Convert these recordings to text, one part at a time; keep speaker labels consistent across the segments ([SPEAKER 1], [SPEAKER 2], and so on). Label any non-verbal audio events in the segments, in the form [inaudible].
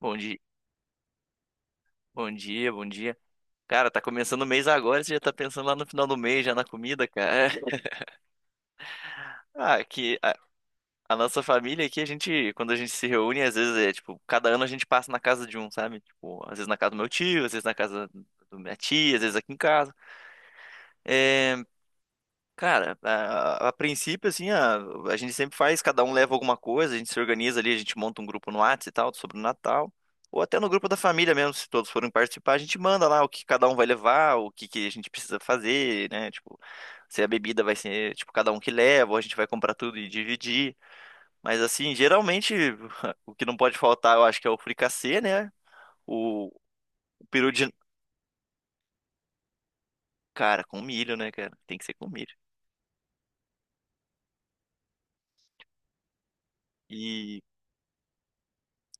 [SPEAKER 1] Bom dia, bom dia, bom dia. Cara, tá começando o mês agora, e você já tá pensando lá no final do mês, já na comida, cara. [laughs] Ah, que a, a nossa família aqui, a gente, quando a gente se reúne, às vezes é tipo, cada ano a gente passa na casa de um, sabe? Tipo, às vezes na casa do meu tio, às vezes na casa da minha tia, às vezes aqui em casa. É, cara, a princípio, assim, a gente sempre faz, cada um leva alguma coisa, a gente se organiza ali, a gente monta um grupo no Whats e tal, sobre o Natal. Ou até no grupo da família mesmo, se todos forem participar, a gente manda lá o que cada um vai levar, que a gente precisa fazer, né? Tipo, se a bebida vai ser, tipo, cada um que leva, ou a gente vai comprar tudo e dividir. Mas, assim, geralmente, [laughs] o que não pode faltar, eu acho que é o fricassê, né? O, o peru de... Cara, com milho, né, cara? Tem que ser com milho. E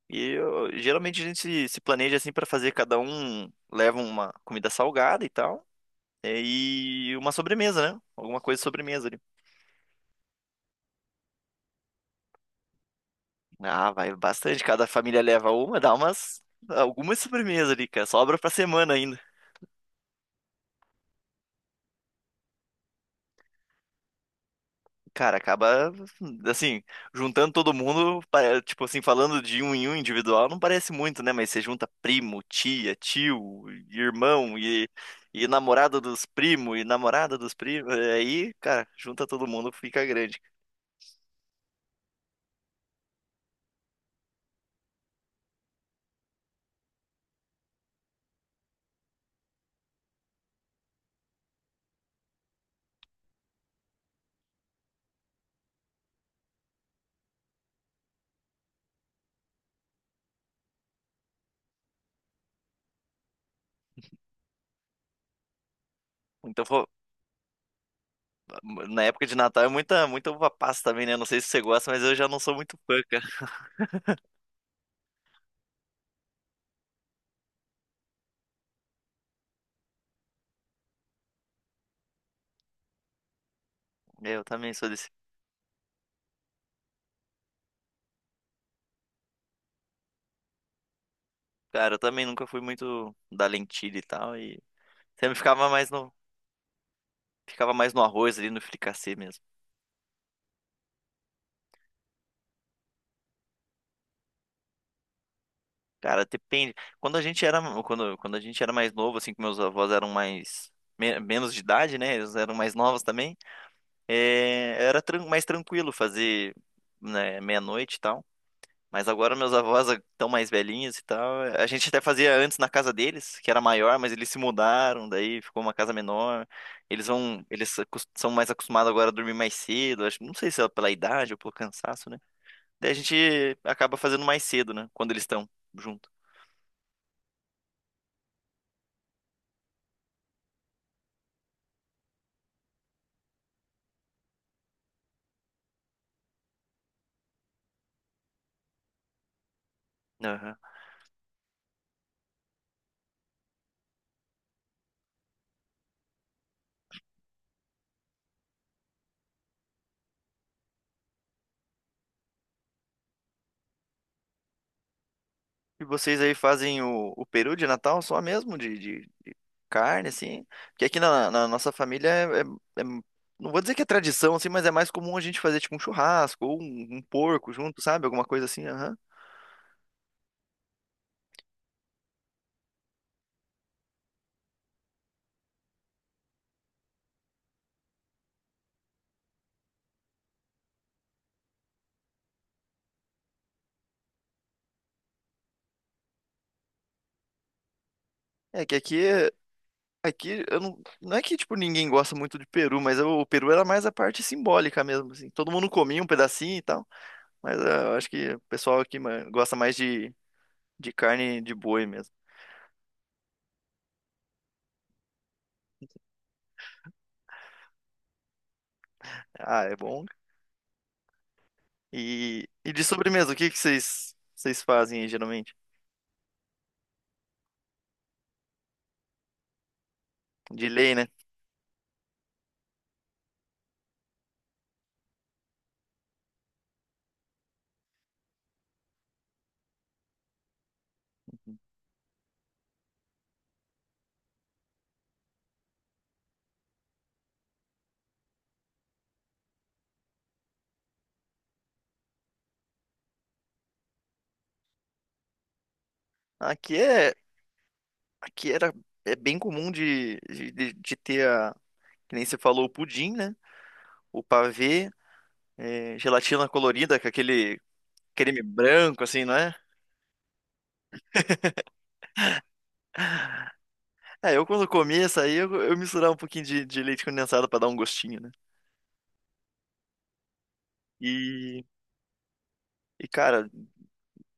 [SPEAKER 1] Geralmente a gente se planeja assim para fazer, cada um leva uma comida salgada e tal, e uma sobremesa, né? Alguma coisa de sobremesa ali. Ah, vai bastante, cada família leva uma, dá umas algumas sobremesas ali, cara, sobra pra semana ainda. Cara, acaba assim, juntando todo mundo, tipo assim, falando de um em um individual, não parece muito, né? Mas você junta primo, tia, tio, irmão e, e namorada dos primos, aí, cara, junta todo mundo, fica grande. Então, fo- Na época de Natal é muita uva passa também, né? Não sei se você gosta, mas eu já não sou muito fã, cara. Eu também sou desse. Cara, eu também nunca fui muito da lentilha e tal, e sempre ficava mais no arroz ali, no fricassê mesmo. Cara, depende. Quando a gente era mais novo, assim, que meus avós eram mais menos de idade, né? Eles eram mais novos também. É, mais tranquilo fazer, né, meia-noite e tal. Mas agora meus avós estão mais velhinhos e tal. A gente até fazia antes na casa deles, que era maior, mas eles se mudaram, daí ficou uma casa menor. Eles vão, são mais acostumados agora a dormir mais cedo. Acho, não sei se é pela idade ou pelo cansaço, né? Daí a gente acaba fazendo mais cedo, né? Quando eles estão junto. Aham. E vocês aí fazem o peru de Natal só mesmo, de carne, assim? Porque aqui na nossa família é- não vou dizer que é tradição, assim, mas é mais comum a gente fazer, tipo, um churrasco ou um porco junto, sabe? Alguma coisa assim, aham. É que aqui... é- Aqui, eu não... Não é que, tipo, ninguém gosta muito de peru, mas o peru era mais a parte simbólica mesmo, assim. Todo mundo comia um pedacinho e tal, mas ah, eu acho que o pessoal aqui ma- gosta mais de carne de boi mesmo. Ah, é bom. E de sobremesa, o que que vocês fazem aí, geralmente? De lei, né? Aqui é aqui era é bem comum de, de ter a, que nem você falou, o pudim, né? O pavê, é, gelatina colorida com aquele creme branco assim, não é? É, eu quando comia isso aí, eu misturava um pouquinho de leite condensado pra dar um gostinho, né? E, e cara,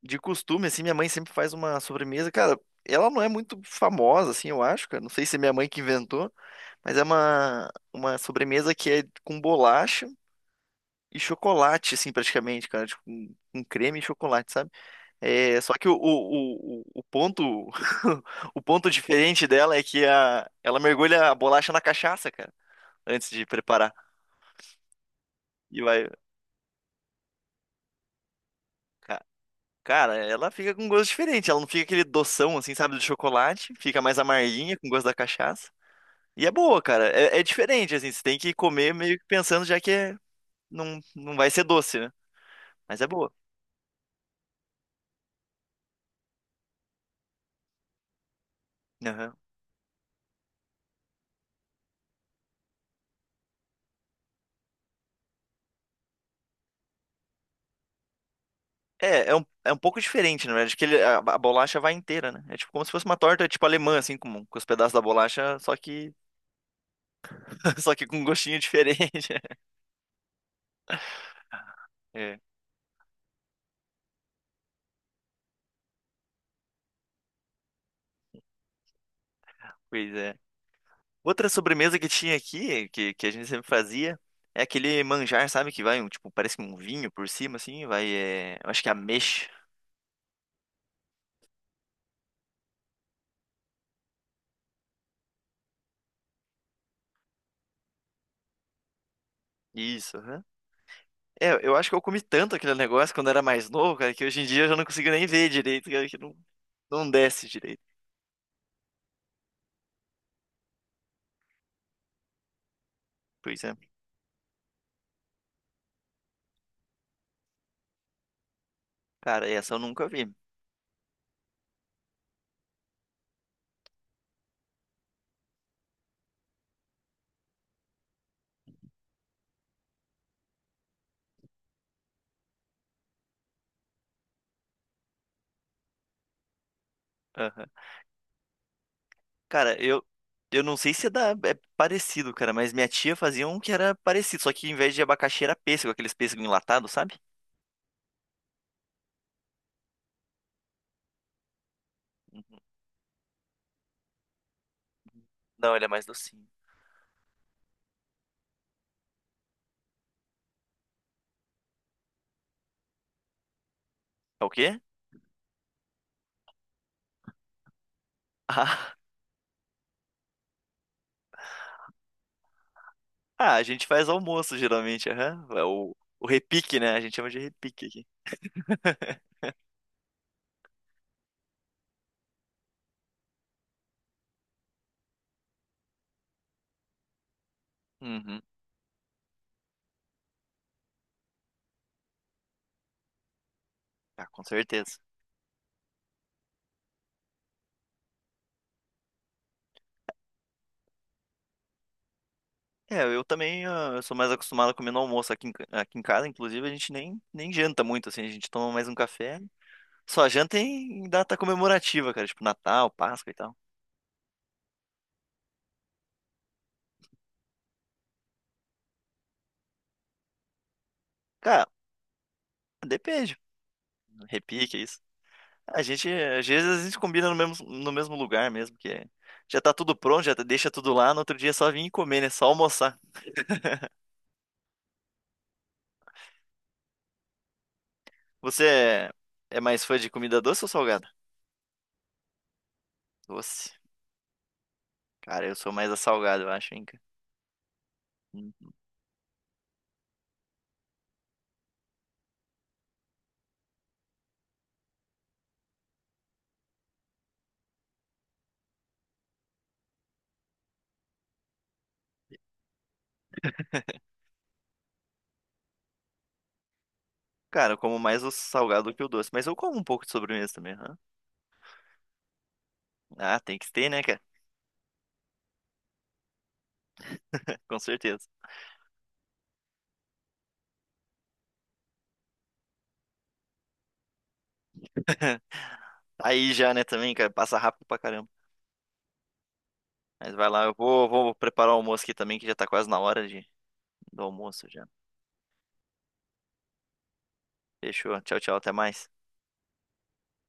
[SPEAKER 1] de costume assim, minha mãe sempre faz uma sobremesa, cara, ela não é muito famosa assim, eu acho, cara, não sei se é minha mãe que inventou, mas é uma sobremesa que é com bolacha e chocolate, assim, praticamente, cara. Tipo, com creme e chocolate, sabe? É, só que o ponto [laughs] o ponto diferente dela é que a, ela mergulha a bolacha na cachaça, cara, antes de preparar. E vai. ca- Cara, ela fica com gosto diferente. Ela não fica aquele doção, assim, sabe, do chocolate. Fica mais amarguinha, com gosto da cachaça. E é boa, cara. É, é diferente, assim. Você tem que comer meio que pensando já que é, não, não vai ser doce, né? Mas é boa. Aham. É, é um pouco diferente, na verdade, a bolacha vai inteira, né? É tipo como se fosse uma torta, tipo alemã, assim, com os pedaços da bolacha, só que, [laughs] só que com um gostinho diferente. [laughs] É, pois é. Outra sobremesa que tinha aqui, que a gente sempre fazia, é aquele manjar, sabe? Que vai, um, tipo, parece um vinho por cima, assim, vai, é, eu acho que é ameixa. Isso, aham. É, eu acho que eu comi tanto aquele negócio quando era mais novo, cara, que hoje em dia eu já não consigo nem ver direito, cara, que não, não desce direito. Pois é. Cara, essa eu nunca vi. Aham. Cara, eu não sei se é, da, é parecido, cara, mas minha tia fazia um que era parecido, só que em vez de abacaxi era pêssego, aqueles pêssego enlatado, sabe? Não, ele é mais docinho. É o quê? Ah, [laughs] ah, a gente faz almoço geralmente, aham. O repique, né? A gente chama de repique aqui. Uhum. Ah, com certeza. É, eu também ah, eu sou mais acostumado a comer no almoço aqui aqui em casa, inclusive a gente nem janta muito, assim, a gente toma mais um café. Só janta em data comemorativa, cara, tipo Natal, Páscoa e tal. Cara, depende. Repique, é isso. A gente, às vezes a gente combina no mesmo, no mesmo lugar mesmo. Já tá tudo pronto, deixa tudo lá, no outro dia é só vir e comer, né? Só almoçar. Você é, é mais fã de comida doce ou salgada? Doce. Cara, eu sou mais a salgada, eu acho, hein, cara. Hum. Cara, eu como mais o salgado do que o doce, mas eu como um pouco de sobremesa também, aham. Ah, tem que ter, né, cara? [laughs] Com certeza. Aí já, né, também, cara, passa rápido pra caramba. Mas vai lá, eu vou, vou preparar o almoço aqui também, que já tá quase na hora de, do almoço já. Fechou. Tchau, tchau, até mais.